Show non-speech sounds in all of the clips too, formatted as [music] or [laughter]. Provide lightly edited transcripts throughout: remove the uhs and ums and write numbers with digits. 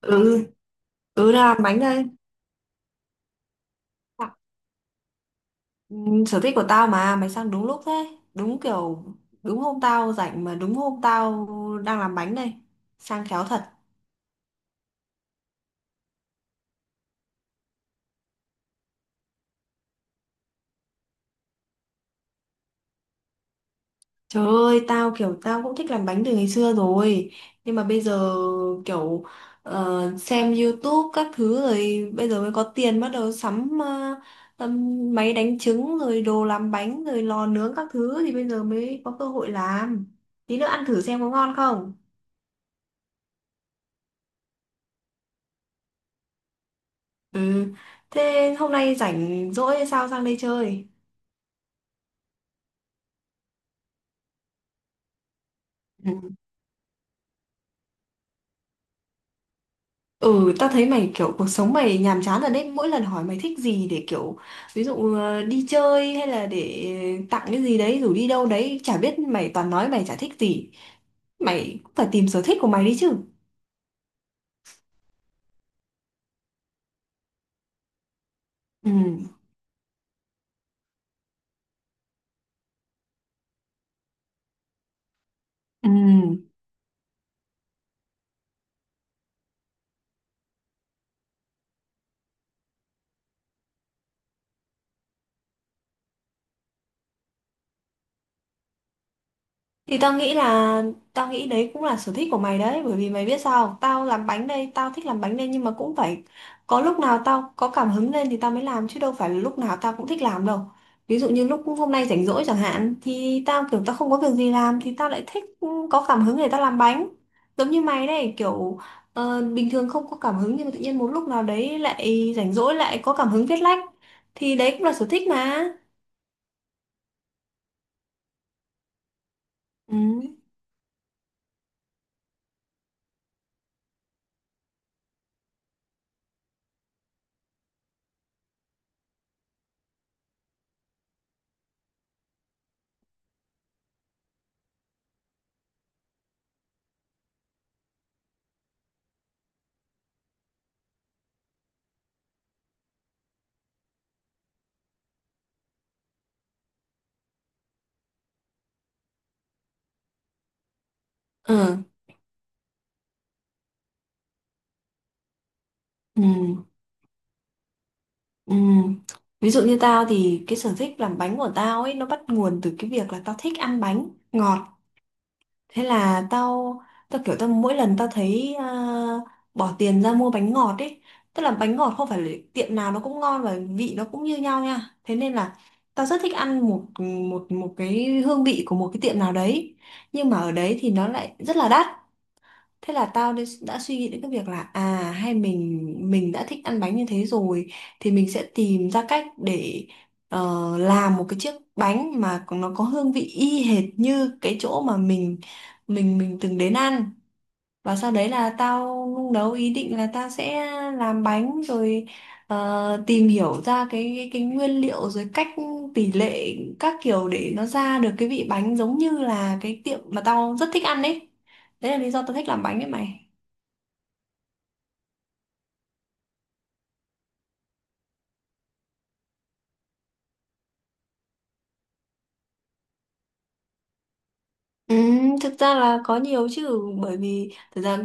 Ừ. Làm bánh đây. ừ, Sở thích của tao mà mày sang đúng lúc thế. Đúng kiểu đúng hôm tao rảnh mà đúng hôm tao đang làm bánh đây. Sang khéo thật. Trời ơi, tao kiểu tao cũng thích làm bánh từ ngày xưa rồi, nhưng mà bây giờ kiểu xem YouTube các thứ rồi bây giờ mới có tiền bắt đầu sắm máy đánh trứng rồi đồ làm bánh rồi lò nướng các thứ thì bây giờ mới có cơ hội làm. Tí nữa ăn thử xem có ngon không. Ừ. Thế hôm nay rảnh rỗi hay sao sang đây chơi? Ừ. Ừ, ta thấy mày kiểu cuộc sống mày nhàm chán rồi đấy. Mỗi lần hỏi mày thích gì để kiểu ví dụ đi chơi hay là để tặng cái gì đấy rủ đi đâu đấy, chả biết mày toàn nói mày chả thích gì. Mày cũng phải tìm sở thích của mày đi chứ. Ừ. Ừ. Thì tao nghĩ là Tao nghĩ đấy cũng là sở thích của mày đấy, bởi vì mày biết sao không? Tao làm bánh đây, tao thích làm bánh đây, nhưng mà cũng phải có lúc nào tao có cảm hứng lên thì tao mới làm chứ đâu phải là lúc nào tao cũng thích làm đâu. Ví dụ như lúc hôm nay rảnh rỗi chẳng hạn thì tao kiểu tao không có việc gì làm thì tao lại thích, ừ, có cảm hứng để tao làm bánh. Giống như mày đây kiểu bình thường không có cảm hứng nhưng mà tự nhiên một lúc nào đấy lại rảnh rỗi lại có cảm hứng viết lách thì đấy cũng là sở thích mà. Ừ. Ừ. Ừ. Ừ. Ví dụ như tao thì cái sở thích làm bánh của tao ấy nó bắt nguồn từ cái việc là tao thích ăn bánh ngọt. Thế là tao tao kiểu tao mỗi lần tao thấy à, bỏ tiền ra mua bánh ngọt ấy, tức là bánh ngọt không phải là tiệm nào nó cũng ngon và vị nó cũng như nhau nha. Thế nên là tao rất thích ăn một một một cái hương vị của một cái tiệm nào đấy. Nhưng mà ở đấy thì nó lại rất là đắt, thế là tao đã suy nghĩ đến cái việc là à hay mình đã thích ăn bánh như thế rồi thì mình sẽ tìm ra cách để làm một cái chiếc bánh mà nó có hương vị y hệt như cái chỗ mà mình từng đến ăn. Và sau đấy là tao nung nấu ý định là tao sẽ làm bánh rồi tìm hiểu ra cái nguyên liệu rồi cách tỷ lệ các kiểu để nó ra được cái vị bánh giống như là cái tiệm mà tao rất thích ăn đấy. Đấy là lý do tao thích làm bánh đấy mày. Ừ, thực ra là có nhiều chứ, bởi vì thực ra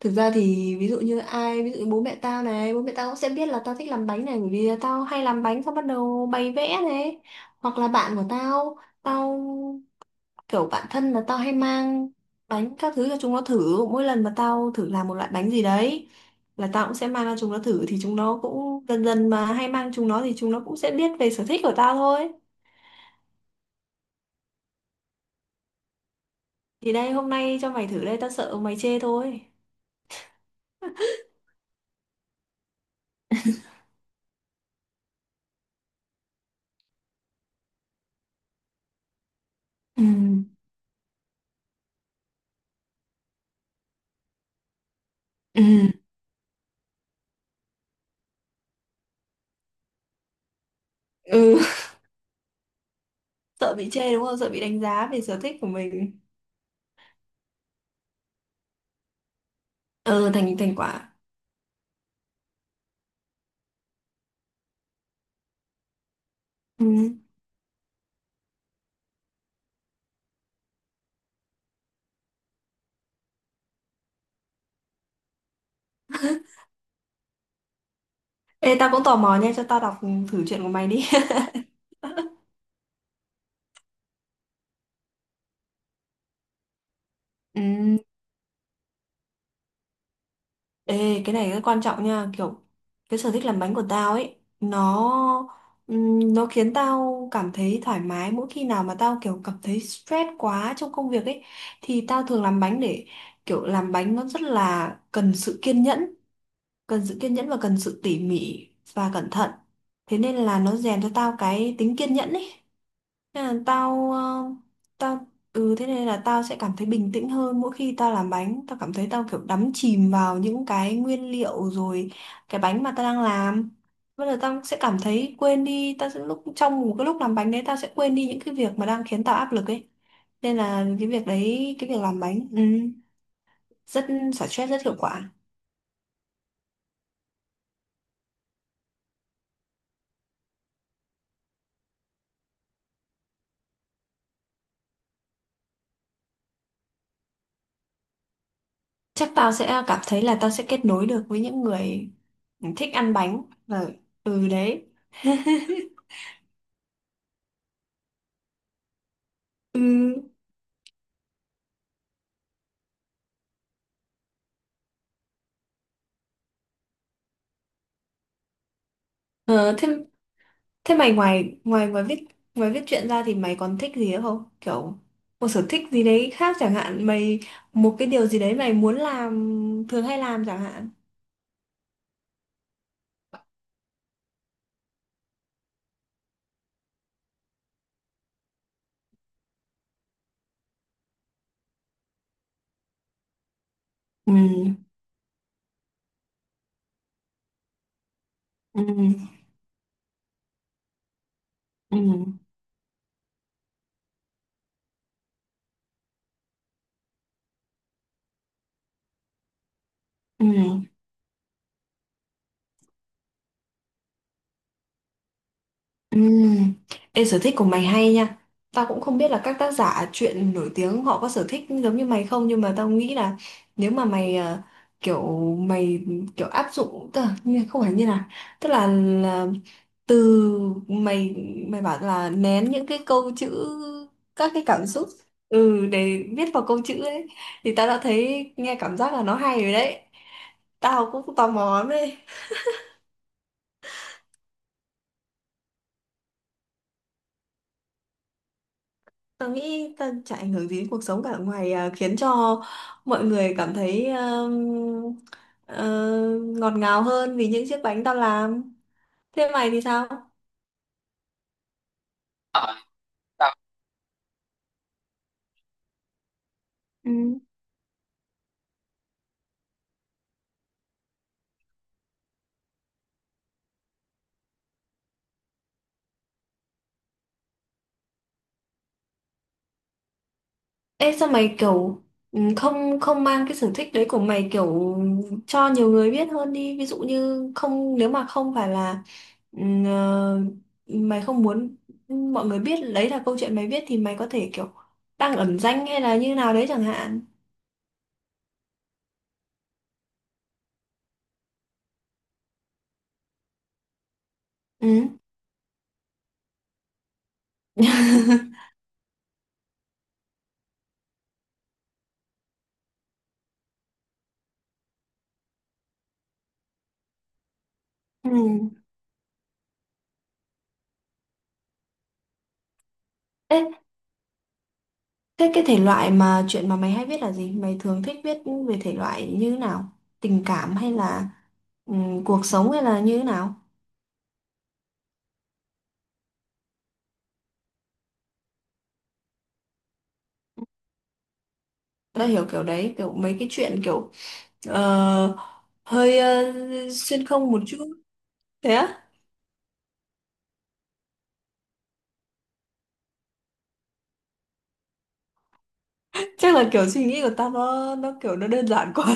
thực ra thì ví dụ như ai ví dụ như bố mẹ tao này, bố mẹ tao cũng sẽ biết là tao thích làm bánh này bởi vì tao hay làm bánh xong bắt đầu bày vẽ này, hoặc là bạn của tao, kiểu bạn thân là tao hay mang bánh các thứ cho chúng nó thử. Mỗi lần mà tao thử làm một loại bánh gì đấy là tao cũng sẽ mang cho chúng nó thử, thì chúng nó cũng dần dần mà hay mang chúng nó thì chúng nó cũng sẽ biết về sở thích của tao thôi. Thì đây hôm nay cho mày thử đây, tao sợ mày chê thôi. Ừ. Ừ, ừ, [laughs] sợ bị chê đúng không? Sợ bị đánh giá về sở thích của mình. Ừ, thành thành quả. Ừ. Ê, tao cũng tò mò nha, cho tao đọc thử chuyện của mày đi. [laughs] Ừ. Ê, cái này rất quan trọng nha, kiểu cái sở thích làm bánh của tao ấy, nó khiến tao cảm thấy thoải mái mỗi khi nào mà tao kiểu cảm thấy stress quá trong công việc ấy thì tao thường làm bánh để kiểu. Làm bánh nó rất là cần sự kiên nhẫn, cần sự kiên nhẫn và cần sự tỉ mỉ và cẩn thận. Thế nên là nó rèn cho tao cái tính kiên nhẫn ấy, nên là tao ờ, tao ừ, thế nên là tao sẽ cảm thấy bình tĩnh hơn. Mỗi khi tao làm bánh tao cảm thấy tao kiểu đắm chìm vào những cái nguyên liệu rồi cái bánh mà tao đang làm. Bây giờ tao sẽ cảm thấy quên đi, tao sẽ lúc trong một cái lúc làm bánh đấy tao sẽ quên đi những cái việc mà đang khiến tao áp lực ấy. Nên là cái việc đấy cái việc làm bánh, ừ, rất xả stress, rất hiệu quả. Chắc tao sẽ cảm thấy là tao sẽ kết nối được với những người thích ăn bánh và ừ đấy [laughs] ừ. Ờ, thế thế mày ngoài ngoài ngoài viết viết truyện ra thì mày còn thích gì nữa không, kiểu một sở thích gì đấy khác chẳng hạn mày, một cái điều gì đấy mày muốn làm, thường hay làm chẳng hạn. Ừ. Ừ. Ừ. Ừ. Ừm. Ê, sở thích của mày hay nha. Tao cũng không biết là các tác giả truyện nổi tiếng họ có sở thích giống như mày không, nhưng mà tao nghĩ là nếu mà mày kiểu mày kiểu áp dụng tức là không phải như là tức là từ mày mày bảo là nén những cái câu chữ, các cái cảm xúc, ừ để viết vào câu chữ ấy, thì tao đã thấy nghe cảm giác là nó hay rồi đấy. Tao cũng tò mò lắm đấy. Tớ nghĩ tớ chả ảnh hưởng gì đến cuộc sống cả ngoài à, khiến cho mọi người cảm thấy ờ, ngọt ngào hơn vì những chiếc bánh tao làm. Thế mày thì sao? Ờ, tao Ừ. Ê sao mày kiểu, ừ, không không mang cái sở thích đấy của mày kiểu cho nhiều người biết hơn đi. Ví dụ như không nếu mà không phải là ừ, ờ, mày không muốn mọi người biết đấy là câu chuyện mày biết thì mày có thể kiểu đăng ẩn danh hay là như nào đấy chẳng hạn. Ừ. [laughs] Ừ. Ê, thế cái thể loại mà chuyện mà mày hay viết là gì? Mày thường thích viết về thể loại như thế nào? Tình cảm hay là cuộc sống hay là như thế nào? Tao hiểu kiểu đấy, kiểu mấy cái chuyện kiểu ờ, hơi ờ, xuyên không một chút. Thế á? [laughs] Chắc là kiểu suy nghĩ của tao nó kiểu nó đơn giản quá.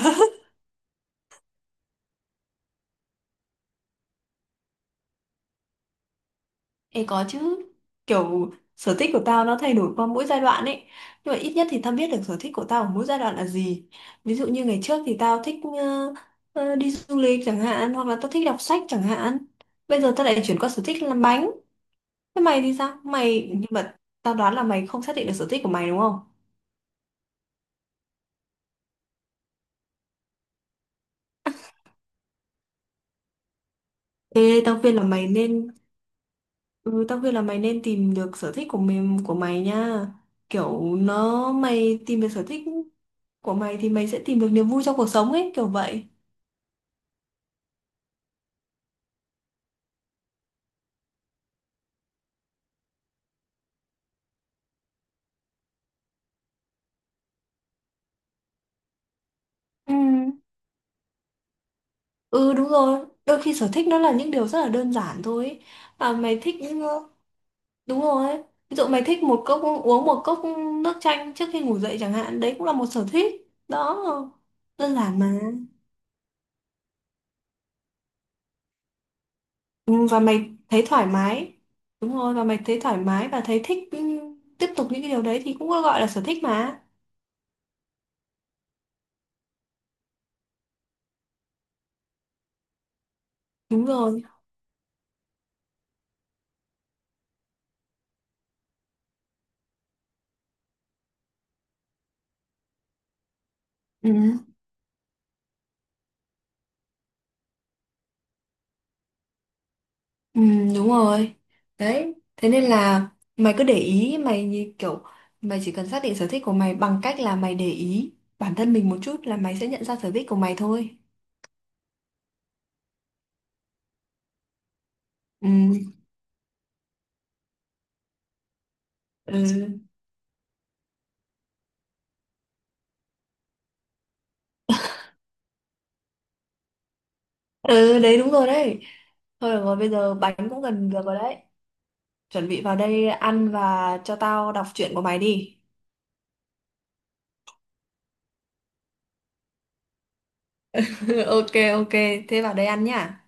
Ê có chứ, kiểu sở thích của tao nó thay đổi qua mỗi giai đoạn ấy, nhưng mà ít nhất thì tao biết được sở thích của tao ở mỗi giai đoạn là gì. Ví dụ như ngày trước thì tao thích đi du lịch chẳng hạn hoặc là tao thích đọc sách chẳng hạn, bây giờ tao lại chuyển qua sở thích làm bánh. Thế mày thì sao mày, nhưng mà tao đoán là mày không xác định được sở thích của mày đúng không. Ê tao khuyên là mày nên Ừ, tao khuyên là mày nên tìm được sở thích của của mày nha. Kiểu nó mày tìm được sở thích của mày thì mày sẽ tìm được niềm vui trong cuộc sống ấy, kiểu vậy. Ừ. Ừ đúng rồi, đôi khi sở thích nó là những điều rất là đơn giản thôi ấy, mà mày thích. Đúng rồi ấy. Ví dụ mày thích một cốc uống một cốc nước chanh trước khi ngủ dậy chẳng hạn, đấy cũng là một sở thích đó, đơn giản mà. Ừ, và mày thấy thoải mái, đúng rồi, và mày thấy thoải mái và thấy thích, ừ, tiếp tục những cái điều đấy thì cũng gọi là sở thích mà. Đúng rồi. Ừ. Ừ, đúng rồi. Đấy, thế nên là mày cứ để ý, mày như kiểu mày chỉ cần xác định sở thích của mày bằng cách là mày để ý bản thân mình một chút là mày sẽ nhận ra sở thích của mày thôi. Ừ, ừ, ừ đấy đúng rồi đấy. Thôi được rồi, bây giờ bánh cũng gần được rồi đấy. Chuẩn bị vào đây ăn và cho tao đọc truyện của mày đi. [laughs] Ok ok, thế vào đây ăn nhá.